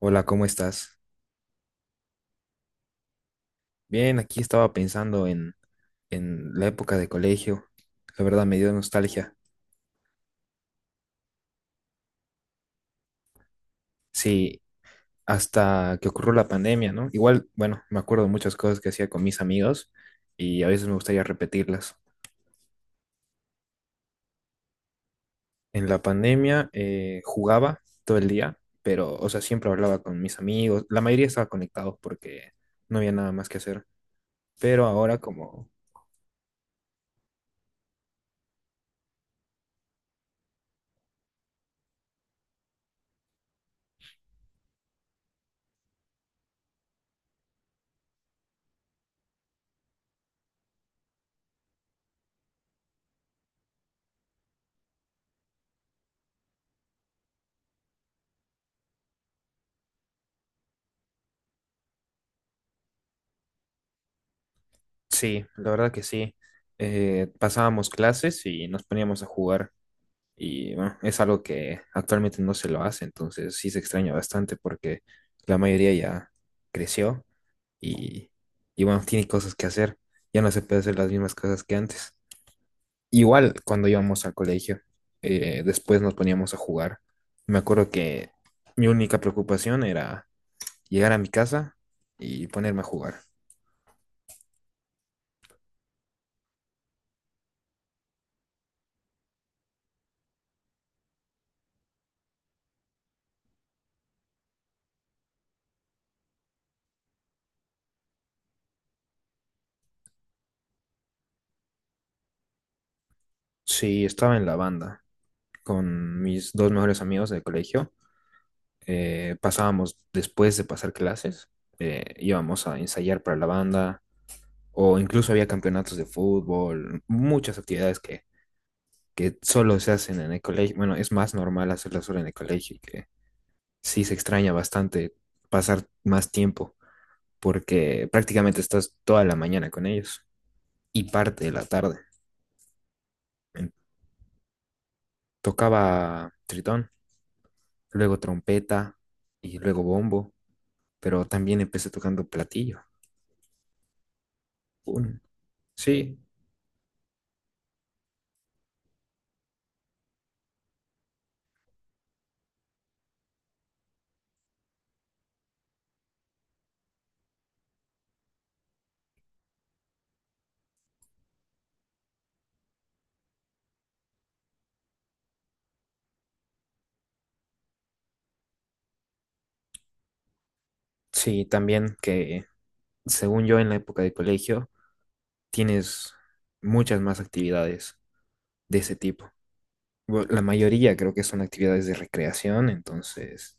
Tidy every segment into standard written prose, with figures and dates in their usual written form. Hola, ¿cómo estás? Bien, aquí estaba pensando en la época de colegio. La verdad me dio nostalgia. Sí, hasta que ocurrió la pandemia, ¿no? Igual, bueno, me acuerdo de muchas cosas que hacía con mis amigos y a veces me gustaría repetirlas. En la pandemia jugaba todo el día, pero, o sea, siempre hablaba con mis amigos. La mayoría estaba conectados porque no había nada más que hacer. Pero ahora como, sí, la verdad que sí. Pasábamos clases y nos poníamos a jugar. Y bueno, es algo que actualmente no se lo hace, entonces sí se extraña bastante porque la mayoría ya creció y, y bueno, tiene cosas que hacer. Ya no se puede hacer las mismas cosas que antes. Igual cuando íbamos al colegio, después nos poníamos a jugar. Me acuerdo que mi única preocupación era llegar a mi casa y ponerme a jugar. Sí, estaba en la banda con mis dos mejores amigos del colegio pasábamos después de pasar clases, íbamos a ensayar para la banda o incluso había campeonatos de fútbol, muchas actividades que solo se hacen en el colegio. Bueno, es más normal hacerlas solo en el colegio y que sí se extraña bastante pasar más tiempo porque prácticamente estás toda la mañana con ellos y parte de la tarde. En- Tocaba tritón, luego trompeta y luego bombo, pero también empecé tocando platillo. Un- Sí, sí, también que según yo en la época de colegio tienes muchas más actividades de ese tipo. La mayoría creo que son actividades de recreación, entonces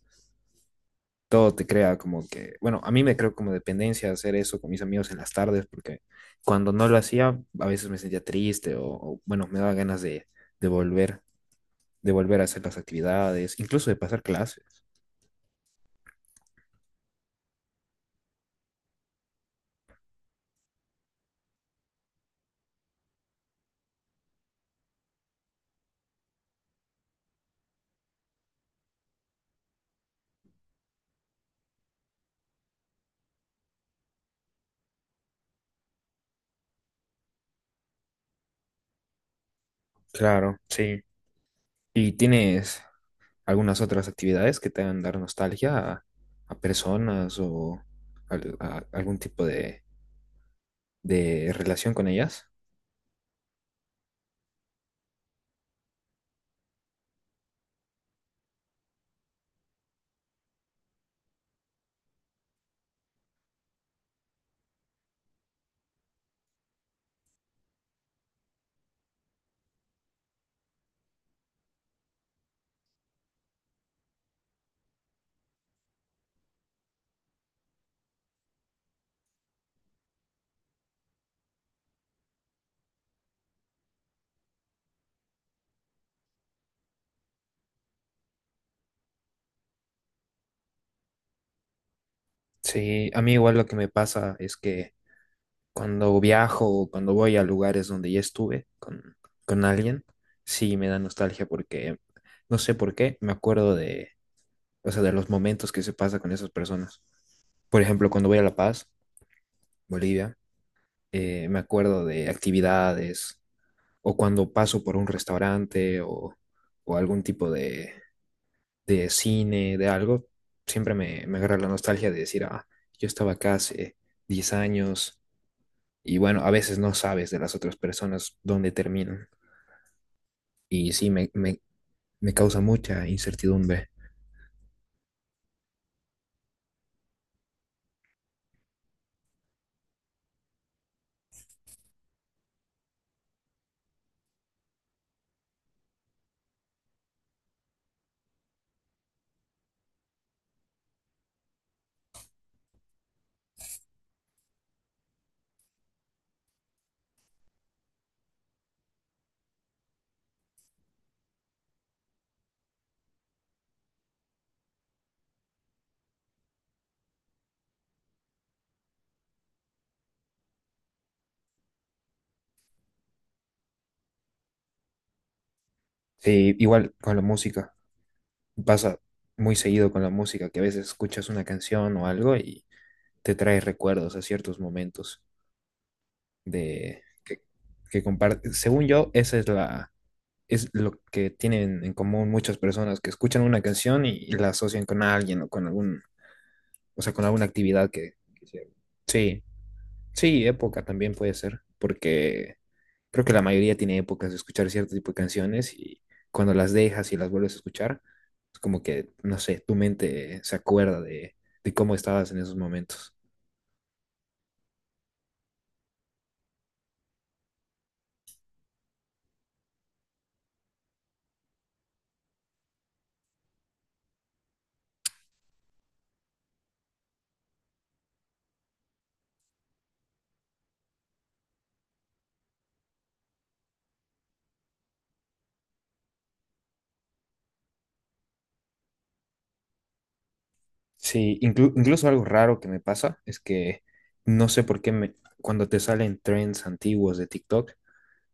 todo te crea como que, bueno, a mí me creo como dependencia hacer eso con mis amigos en las tardes, porque cuando no lo hacía a veces me sentía triste o, bueno, me daba ganas de volver, de volver a hacer las actividades, incluso de pasar clases. Claro, sí. Y tienes algunas otras actividades que te hagan dar nostalgia a personas o a algún tipo de relación con ellas. Sí, a mí igual lo que me pasa es que cuando viajo o cuando voy a lugares donde ya estuve con alguien, sí me da nostalgia porque no sé por qué, me acuerdo de, o sea, de los momentos que se pasa con esas personas. Por ejemplo, cuando voy a La Paz, Bolivia, me acuerdo de actividades, o cuando paso por un restaurante o algún tipo de cine, de algo, siempre me agarra la nostalgia de decir, ah, yo estaba acá hace 10 años y bueno, a veces no sabes de las otras personas dónde terminan y sí, me causa mucha incertidumbre. Sí, igual con la música, pasa muy seguido con la música, que a veces escuchas una canción o algo y te trae recuerdos a ciertos momentos de... que comparte, según yo, esa es es lo que tienen en común muchas personas que escuchan una canción y la asocian con alguien o con algún, o sea, con alguna actividad que hicieron. Sí, sí, época también puede ser, porque creo que la mayoría tiene épocas de escuchar cierto tipo de canciones y cuando las dejas y las vuelves a escuchar, es como que, no sé, tu mente se acuerda de cómo estabas en esos momentos. Sí, incluso algo raro que me pasa es que no sé por qué cuando te salen trends antiguos de TikTok,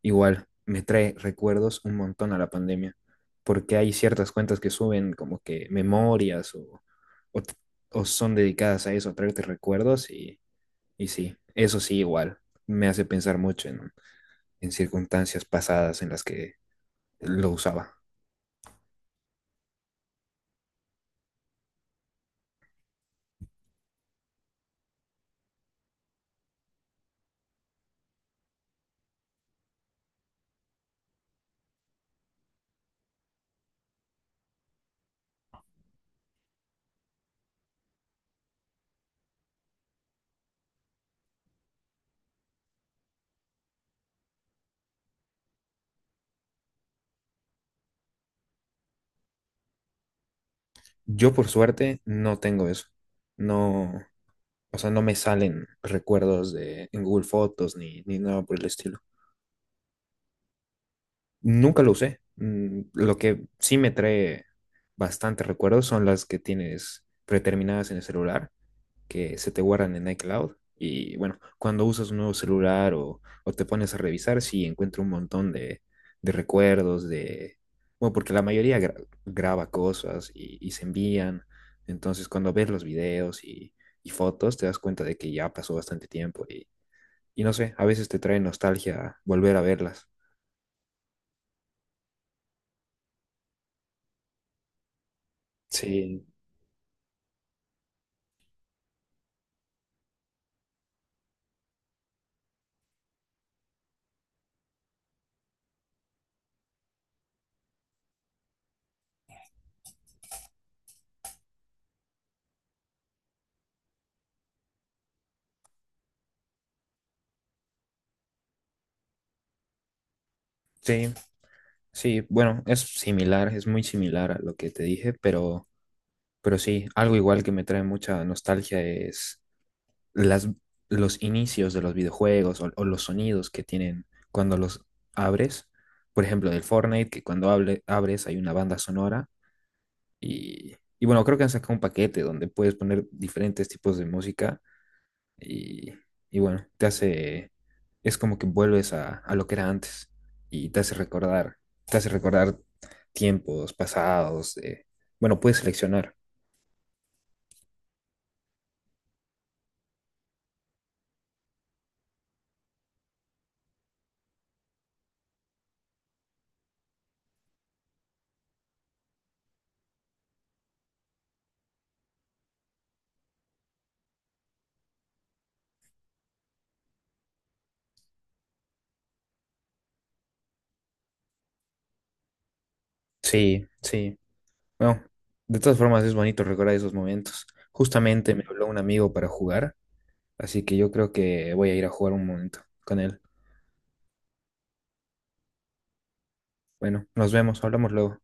igual, me trae recuerdos un montón a la pandemia, porque hay ciertas cuentas que suben como que memorias o, o, t- o son dedicadas a eso, a traerte recuerdos y sí, eso sí igual, me hace pensar mucho en circunstancias pasadas en las que lo usaba. Yo por suerte no tengo eso, no, o sea, no me salen recuerdos de, en Google Fotos ni nada por el estilo. Nunca lo usé. Mm, lo que sí me trae bastante recuerdos son las que tienes predeterminadas en el celular, que se te guardan en iCloud. Y bueno, cuando usas un nuevo celular o te pones a revisar, sí encuentro un montón de recuerdos, de... Bueno, porque la mayoría graba cosas y se envían. Entonces, cuando ves los videos y fotos, te das cuenta de que ya pasó bastante tiempo y no sé, a veces te trae nostalgia volver a verlas. Sí, sí. Sí, bueno, es similar, es muy similar a lo que te dije, pero sí, algo igual que me trae mucha nostalgia es las, los inicios de los videojuegos o los sonidos que tienen cuando los abres. Por ejemplo, del Fortnite, que cuando abres hay una banda sonora y bueno, creo que han sacado un paquete donde puedes poner diferentes tipos de música y, y bueno, te hace, es como que vuelves a lo que era antes y te hace recordar tiempos pasados. Bueno, puedes seleccionar. Sí, sí. Bueno, de todas formas es bonito recordar esos momentos. Justamente me habló un amigo para jugar, así que yo creo que voy a ir a jugar un momento con él. Bueno, nos vemos, hablamos luego.